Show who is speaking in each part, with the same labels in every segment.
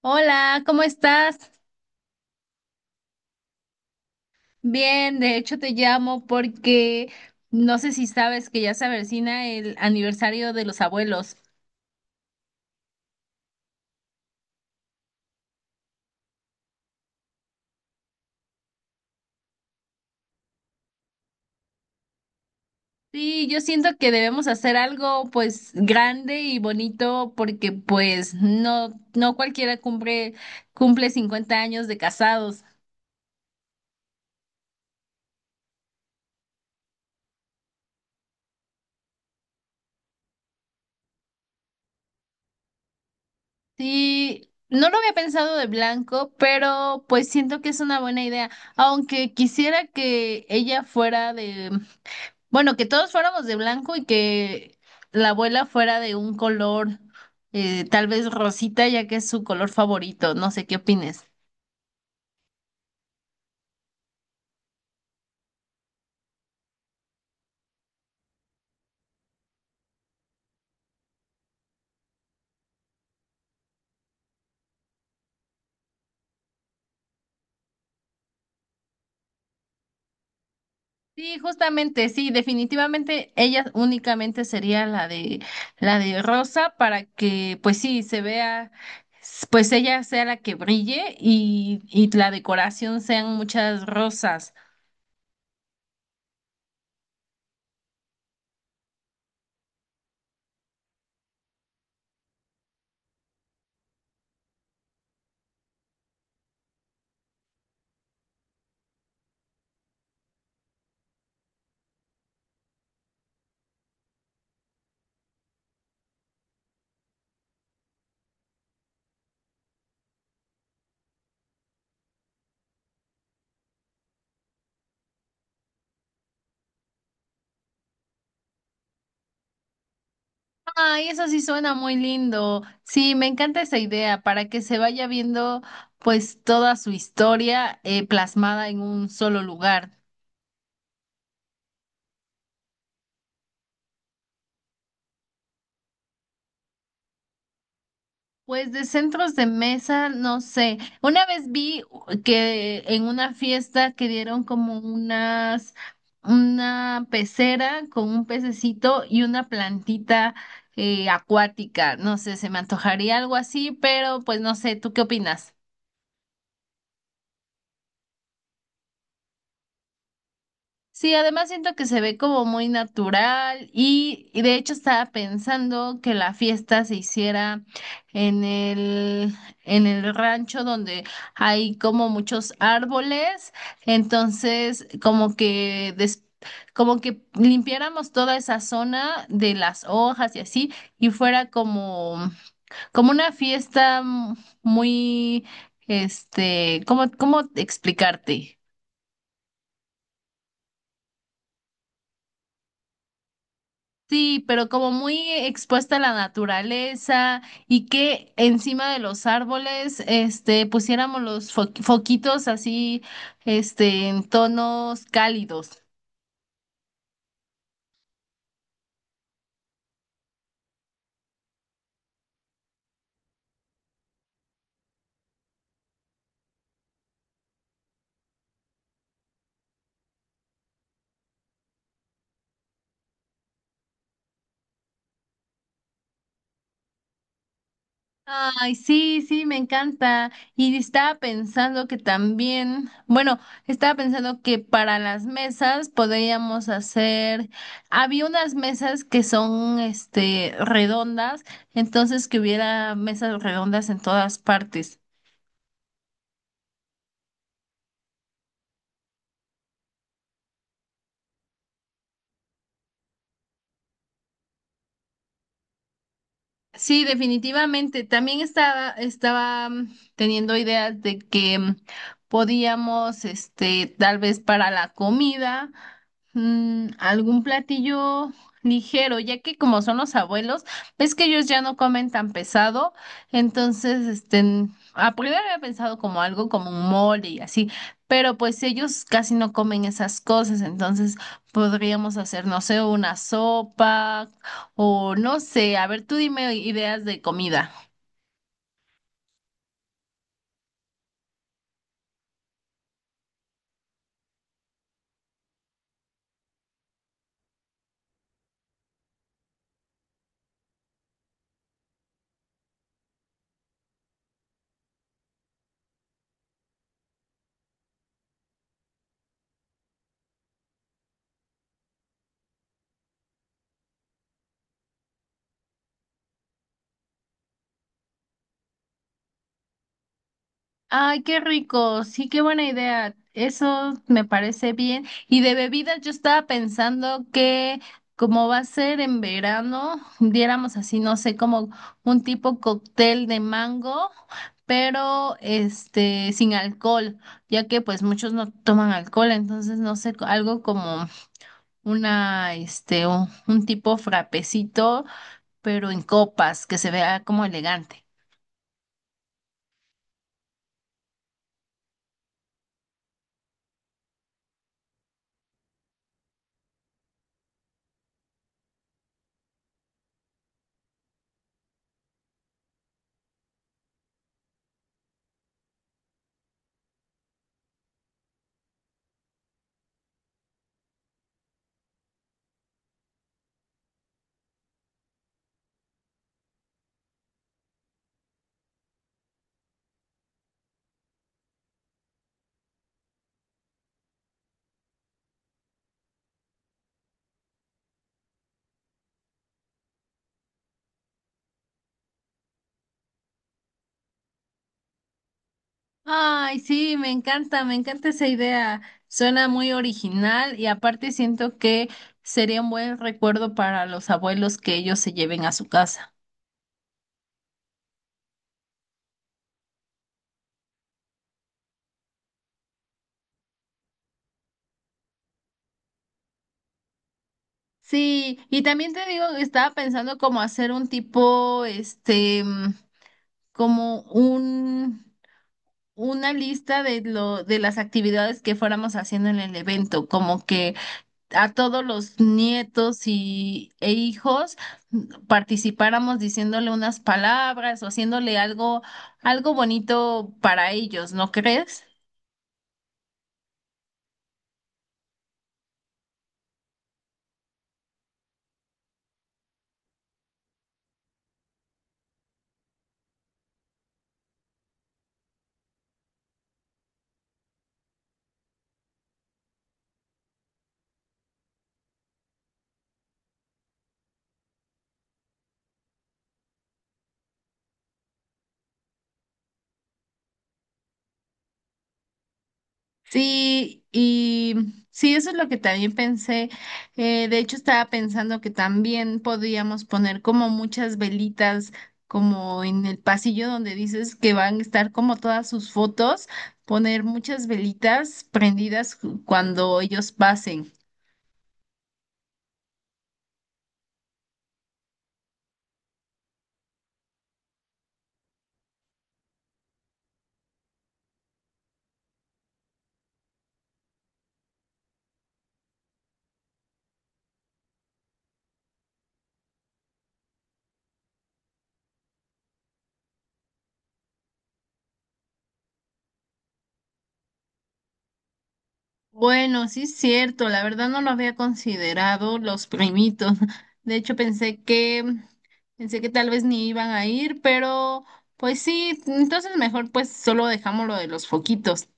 Speaker 1: Hola, ¿cómo estás? Bien, de hecho te llamo porque no sé si sabes que ya se avecina el aniversario de los abuelos. Sí, yo siento que debemos hacer algo pues grande y bonito porque pues no cualquiera cumple 50 años de casados. Sí, no lo había pensado de blanco, pero pues siento que es una buena idea, aunque quisiera que ella fuera de Bueno, que todos fuéramos de blanco y que la abuela fuera de un color, tal vez rosita, ya que es su color favorito. No sé qué opines. Sí, justamente, sí, definitivamente ella únicamente sería la de rosa para que, pues sí, se vea, pues ella sea la que brille y la decoración sean muchas rosas. Ay, eso sí suena muy lindo. Sí, me encanta esa idea para que se vaya viendo pues toda su historia plasmada en un solo lugar. Pues de centros de mesa, no sé. Una vez vi que en una fiesta que dieron como una pecera con un pececito y una plantita acuática. No sé, se me antojaría algo así, pero pues no sé, ¿tú qué opinas? Sí, además siento que se ve como muy natural y de hecho estaba pensando que la fiesta se hiciera en el, en el rancho donde hay como muchos árboles, entonces como que limpiáramos toda esa zona de las hojas y así y fuera como como una fiesta muy ¿cómo explicarte? Sí, pero como muy expuesta a la naturaleza y que encima de los árboles, pusiéramos los foquitos así, en tonos cálidos. Ay, sí, sí, me encanta. Y estaba pensando que también, bueno, estaba pensando que para las mesas podríamos hacer, había unas mesas que son, redondas, entonces que hubiera mesas redondas en todas partes. Sí, definitivamente. También estaba teniendo ideas de que podíamos, tal vez para la comida. Algún platillo ligero, ya que como son los abuelos, ves que ellos ya no comen tan pesado, entonces, a primero había pensado como algo como un mole y así, pero pues ellos casi no comen esas cosas, entonces podríamos hacer, no sé, una sopa o no sé, a ver, tú dime ideas de comida. Ay, qué rico. Sí, qué buena idea. Eso me parece bien. Y de bebidas, yo estaba pensando que como va a ser en verano, diéramos así, no sé, como un tipo cóctel de mango, pero este sin alcohol, ya que pues muchos no toman alcohol, entonces no sé, algo como una un tipo frapecito, pero en copas, que se vea como elegante. Ay, sí, me encanta esa idea. Suena muy original y aparte siento que sería un buen recuerdo para los abuelos que ellos se lleven a su casa. Sí, y también te digo, estaba pensando como hacer un tipo, como un, una lista de las actividades que fuéramos haciendo en el evento, como que a todos los nietos y, e hijos participáramos diciéndole unas palabras o haciéndole algo, algo bonito para ellos, ¿no crees? Sí, y sí, eso es lo que también pensé. De hecho, estaba pensando que también podíamos poner como muchas velitas, como en el pasillo donde dices que van a estar como todas sus fotos, poner muchas velitas prendidas cuando ellos pasen. Bueno, sí es cierto, la verdad no lo había considerado los primitos. De hecho, pensé que tal vez ni iban a ir, pero pues sí, entonces mejor pues solo dejamos lo de los foquitos.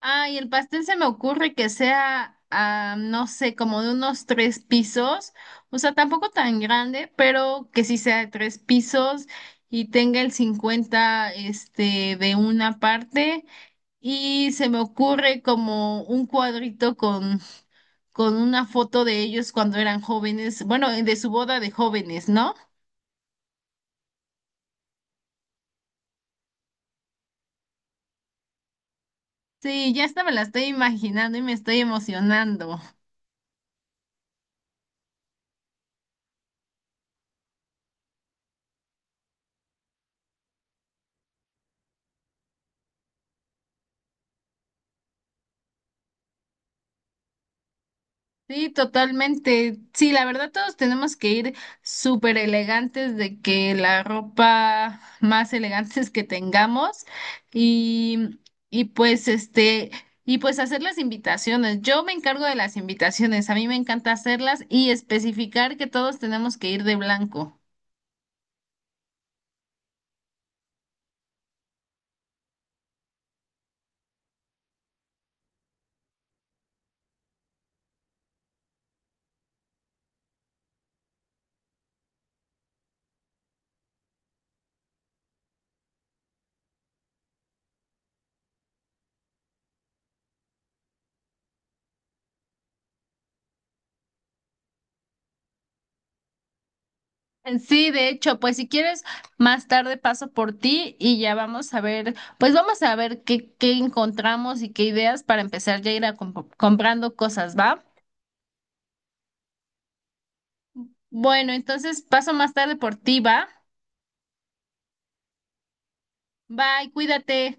Speaker 1: Ah, y el pastel se me ocurre que sea, no sé, como de unos tres pisos, o sea, tampoco tan grande, pero que sí sea de tres pisos y tenga el 50 de una parte. Y se me ocurre como un cuadrito con una foto de ellos cuando eran jóvenes, bueno, de su boda de jóvenes, ¿no? Sí, ya hasta me la estoy imaginando y me estoy emocionando. Sí, totalmente. Sí, la verdad todos tenemos que ir súper elegantes de que la ropa más elegantes que tengamos y, y pues este, y pues hacer las invitaciones. Yo me encargo de las invitaciones, a mí me encanta hacerlas y especificar que todos tenemos que ir de blanco. Sí, de hecho, pues si quieres, más tarde paso por ti y ya vamos a ver, pues vamos a ver qué, qué encontramos y qué ideas para empezar ya a ir a comprando cosas, ¿va? Bueno, entonces paso más tarde por ti, ¿va? Bye, cuídate.